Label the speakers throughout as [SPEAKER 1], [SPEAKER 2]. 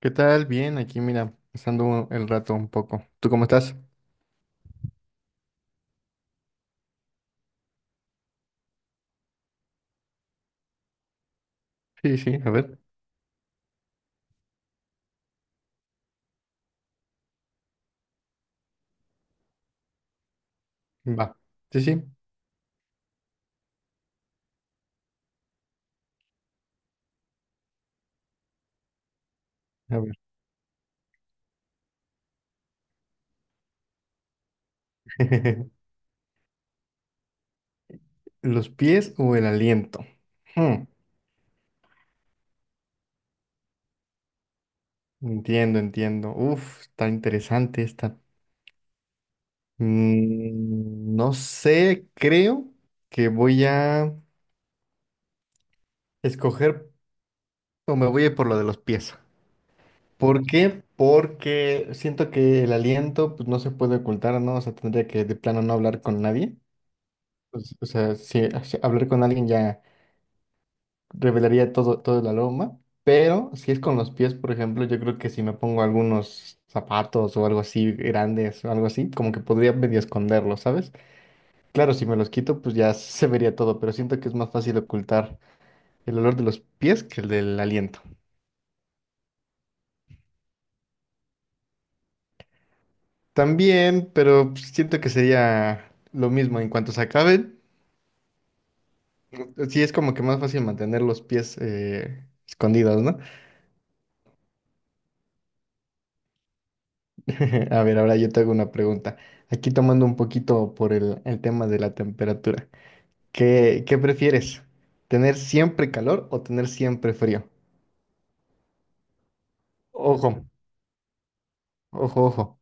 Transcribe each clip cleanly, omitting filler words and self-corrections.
[SPEAKER 1] ¿Qué tal? Bien, aquí mira, pasando el rato un poco. ¿Tú cómo estás? Sí, sí, a ver. Va. Sí, sí. A ver. ¿Los pies o el aliento? Hmm, Entiendo, entiendo. Uf, está interesante esta. No sé, creo que voy a escoger o me voy a ir por lo de los pies. ¿Por qué? Porque siento que el aliento pues, no se puede ocultar, ¿no? O sea, tendría que de plano no hablar con nadie. Pues, o sea, si hablar con alguien ya revelaría todo, todo el aroma, pero si es con los pies, por ejemplo, yo creo que si me pongo algunos zapatos o algo así grandes o algo así, como que podría medio esconderlos, ¿sabes? Claro, si me los quito, pues ya se vería todo, pero siento que es más fácil ocultar el olor de los pies que el del aliento. También, pero pues, siento que sería lo mismo en cuanto se acaben. Sí, es como que más fácil mantener los pies escondidos, ¿no? A ver, ahora yo te hago una pregunta. Aquí tomando un poquito por el tema de la temperatura. ¿Qué prefieres? ¿Tener siempre calor o tener siempre frío? Ojo, ojo, ojo.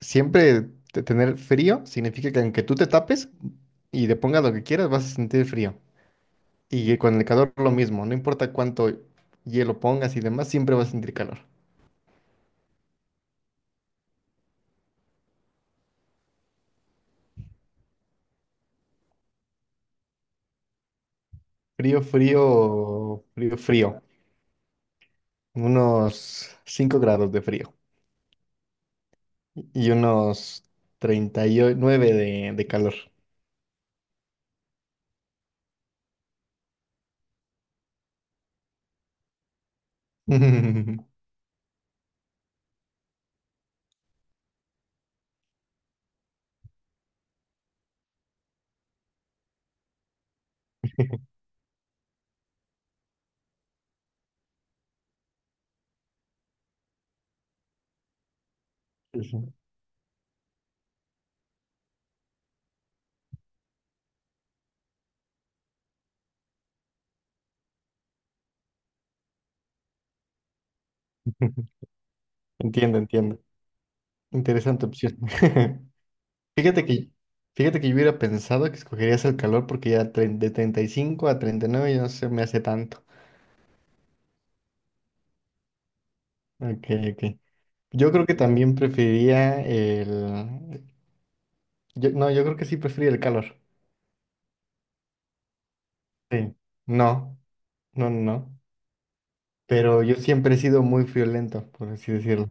[SPEAKER 1] Siempre tener frío significa que aunque tú te tapes y le pongas lo que quieras, vas a sentir frío. Y que con el calor lo mismo, no importa cuánto hielo pongas y demás, siempre vas a sentir calor. Frío, frío, frío, frío. Unos 5 grados de frío. Y unos 39 de calor. Sí, sí. Entiendo, entiendo. Interesante opción. Fíjate que, fíjate que yo hubiera pensado que escogerías el calor porque ya de 35 a 39 ya no se me hace tanto. Ok, ok. Yo creo que también preferiría no, yo creo que sí prefería el calor. No, no, no, no. Pero yo siempre he sido muy friolento, por así decirlo.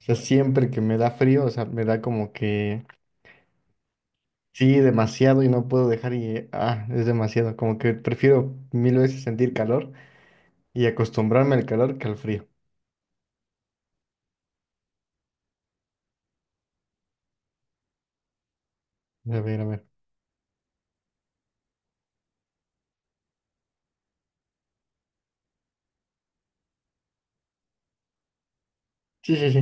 [SPEAKER 1] O sea, siempre que me da frío, o sea, me da como que sí, demasiado y no puedo dejar y, ah, es demasiado. Como que prefiero mil veces sentir calor y acostumbrarme al calor que al frío. A ver, a ver. Sí, sí, sí.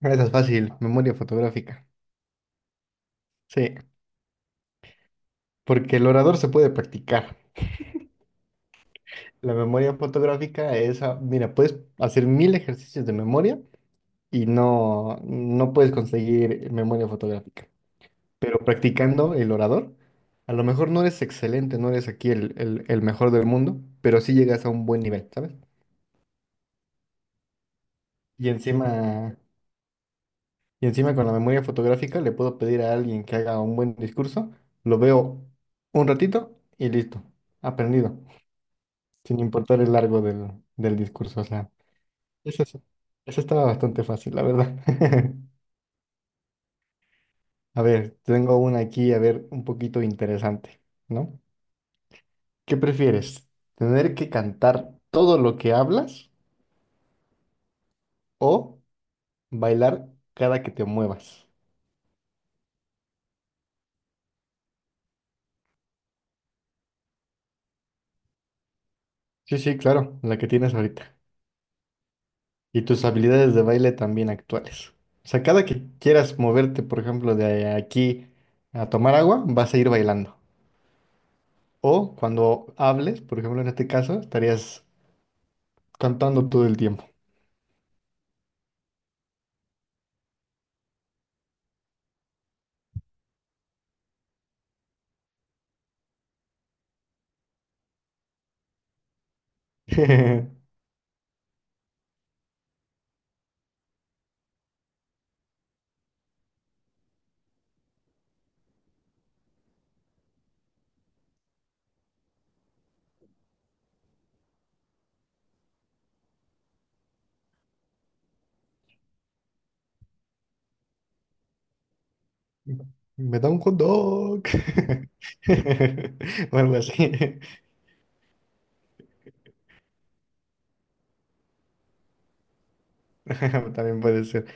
[SPEAKER 1] Esa es fácil. Memoria fotográfica. Sí, porque el orador se puede practicar. La memoria fotográfica es, ah, mira, puedes hacer mil ejercicios de memoria y no, no puedes conseguir memoria fotográfica. Pero practicando el orador, a lo mejor no eres excelente, no eres aquí el mejor del mundo, pero sí llegas a un buen nivel, ¿sabes? Y encima, y encima con la memoria fotográfica le puedo pedir a alguien que haga un buen discurso, lo veo un ratito y listo, aprendido, sin importar el largo del discurso. O sea, eso, es- eso estaba bastante fácil, la verdad. A ver, tengo una aquí, a ver, un poquito interesante, ¿no? ¿Qué prefieres? ¿Tener que cantar todo lo que hablas o bailar cada que te muevas? Sí, sí, claro, la que tienes ahorita. Y tus habilidades de baile también actuales. O sea, cada que quieras moverte, por ejemplo, de aquí a tomar agua, vas a ir bailando. O cuando hables, por ejemplo, en este caso, estarías cantando todo el tiempo. Me da un hot dog. O algo así. También puede ser.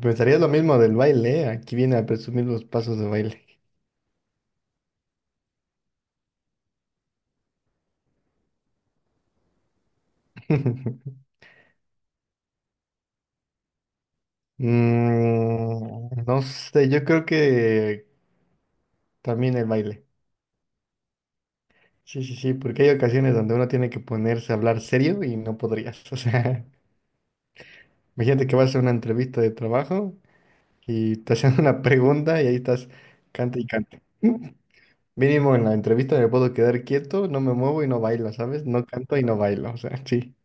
[SPEAKER 1] Pensarías lo mismo del baile, ¿eh? Aquí viene a presumir los pasos de baile. No sé, yo creo que también el baile. Sí, sí, sí, porque hay ocasiones donde uno tiene que ponerse a hablar serio y no podrías. O sea, imagínate que vas a una entrevista de trabajo y te hacen una pregunta y ahí estás, cante y cante. Mínimo en la entrevista me puedo quedar quieto, no me muevo y no bailo, ¿sabes? No canto y no bailo. O sea, sí,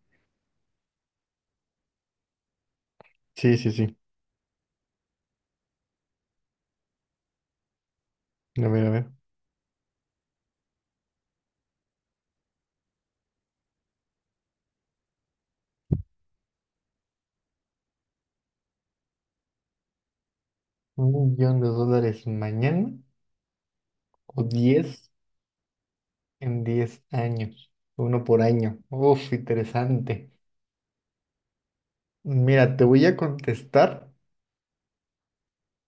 [SPEAKER 1] sí, sí, sí. A ver, a ver. 1 millón de dólares mañana o 10 en 10 años. Uno por año. Uf, interesante. Mira, te voy a contestar.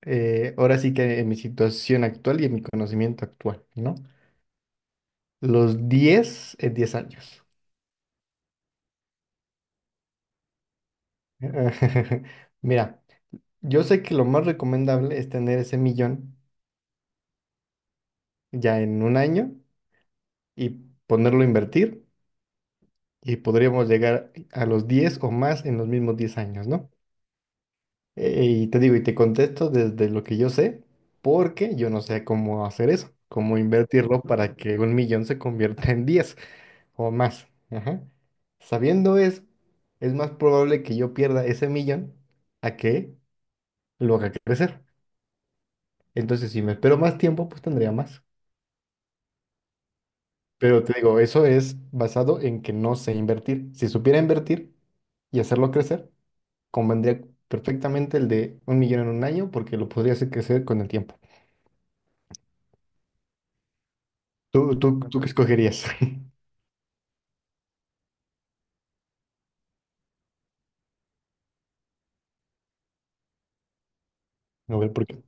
[SPEAKER 1] Ahora sí que en mi situación actual y en mi conocimiento actual, ¿no? Los 10 en 10 años. Mira, yo sé que lo más recomendable es tener ese millón ya en un año y ponerlo a invertir y podríamos llegar a los 10 o más en los mismos 10 años, ¿no? Y te digo, y te contesto desde lo que yo sé, porque yo no sé cómo hacer eso, cómo invertirlo para que un millón se convierta en diez o más. Ajá. Sabiendo eso, es más probable que yo pierda ese millón a que lo haga crecer. Entonces, si me espero más tiempo, pues tendría más. Pero te digo, eso es basado en que no sé invertir. Si supiera invertir y hacerlo crecer, convendría perfectamente el de un millón en un año porque lo podría hacer crecer con el tiempo. ¿Tú qué escogerías? A ver, ¿por qué?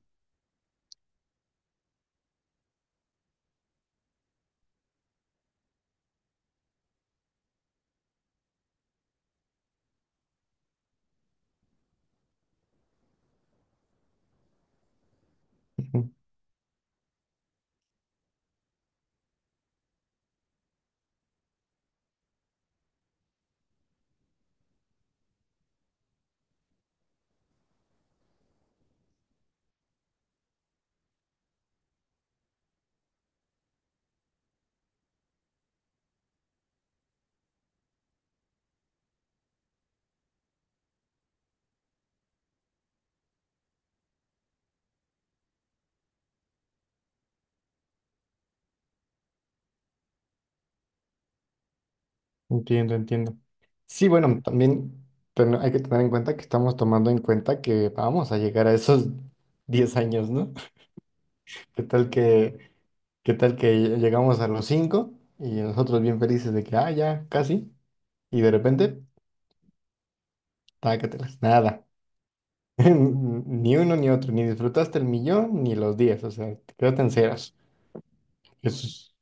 [SPEAKER 1] Entiendo, entiendo. Sí, bueno, también hay que tener en cuenta que estamos tomando en cuenta que vamos a llegar a esos 10 años, ¿no? ¿Qué tal que, qué tal que llegamos a los 5 y nosotros bien felices de que, ah, ya, casi, y de repente, tácatelas, nada. Ni uno ni otro, ni disfrutaste el millón ni los diez, o sea, te quedaste en ceros. Eso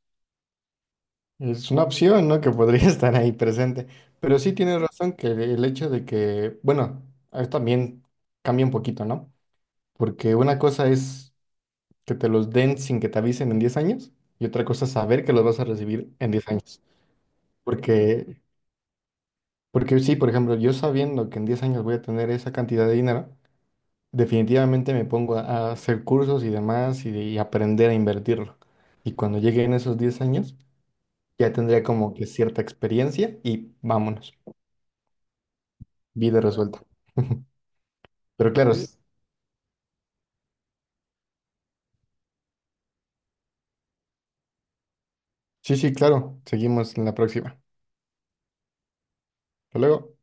[SPEAKER 1] es una opción, ¿no? Que podría estar ahí presente. Pero sí tienes razón que el hecho de que, bueno, ahí también cambia un poquito, ¿no? Porque una cosa es que te los den sin que te avisen en 10 años y otra cosa es saber que los vas a recibir en 10 años. Porque, porque sí, por ejemplo, yo sabiendo que en 10 años voy a tener esa cantidad de dinero, definitivamente me pongo a hacer cursos y demás y aprender a invertirlo. Y cuando lleguen esos 10 años, ya tendría como que cierta experiencia y vámonos. Vida resuelta. Pero claro. Sí, sí, sí, claro. Seguimos en la próxima. Hasta luego.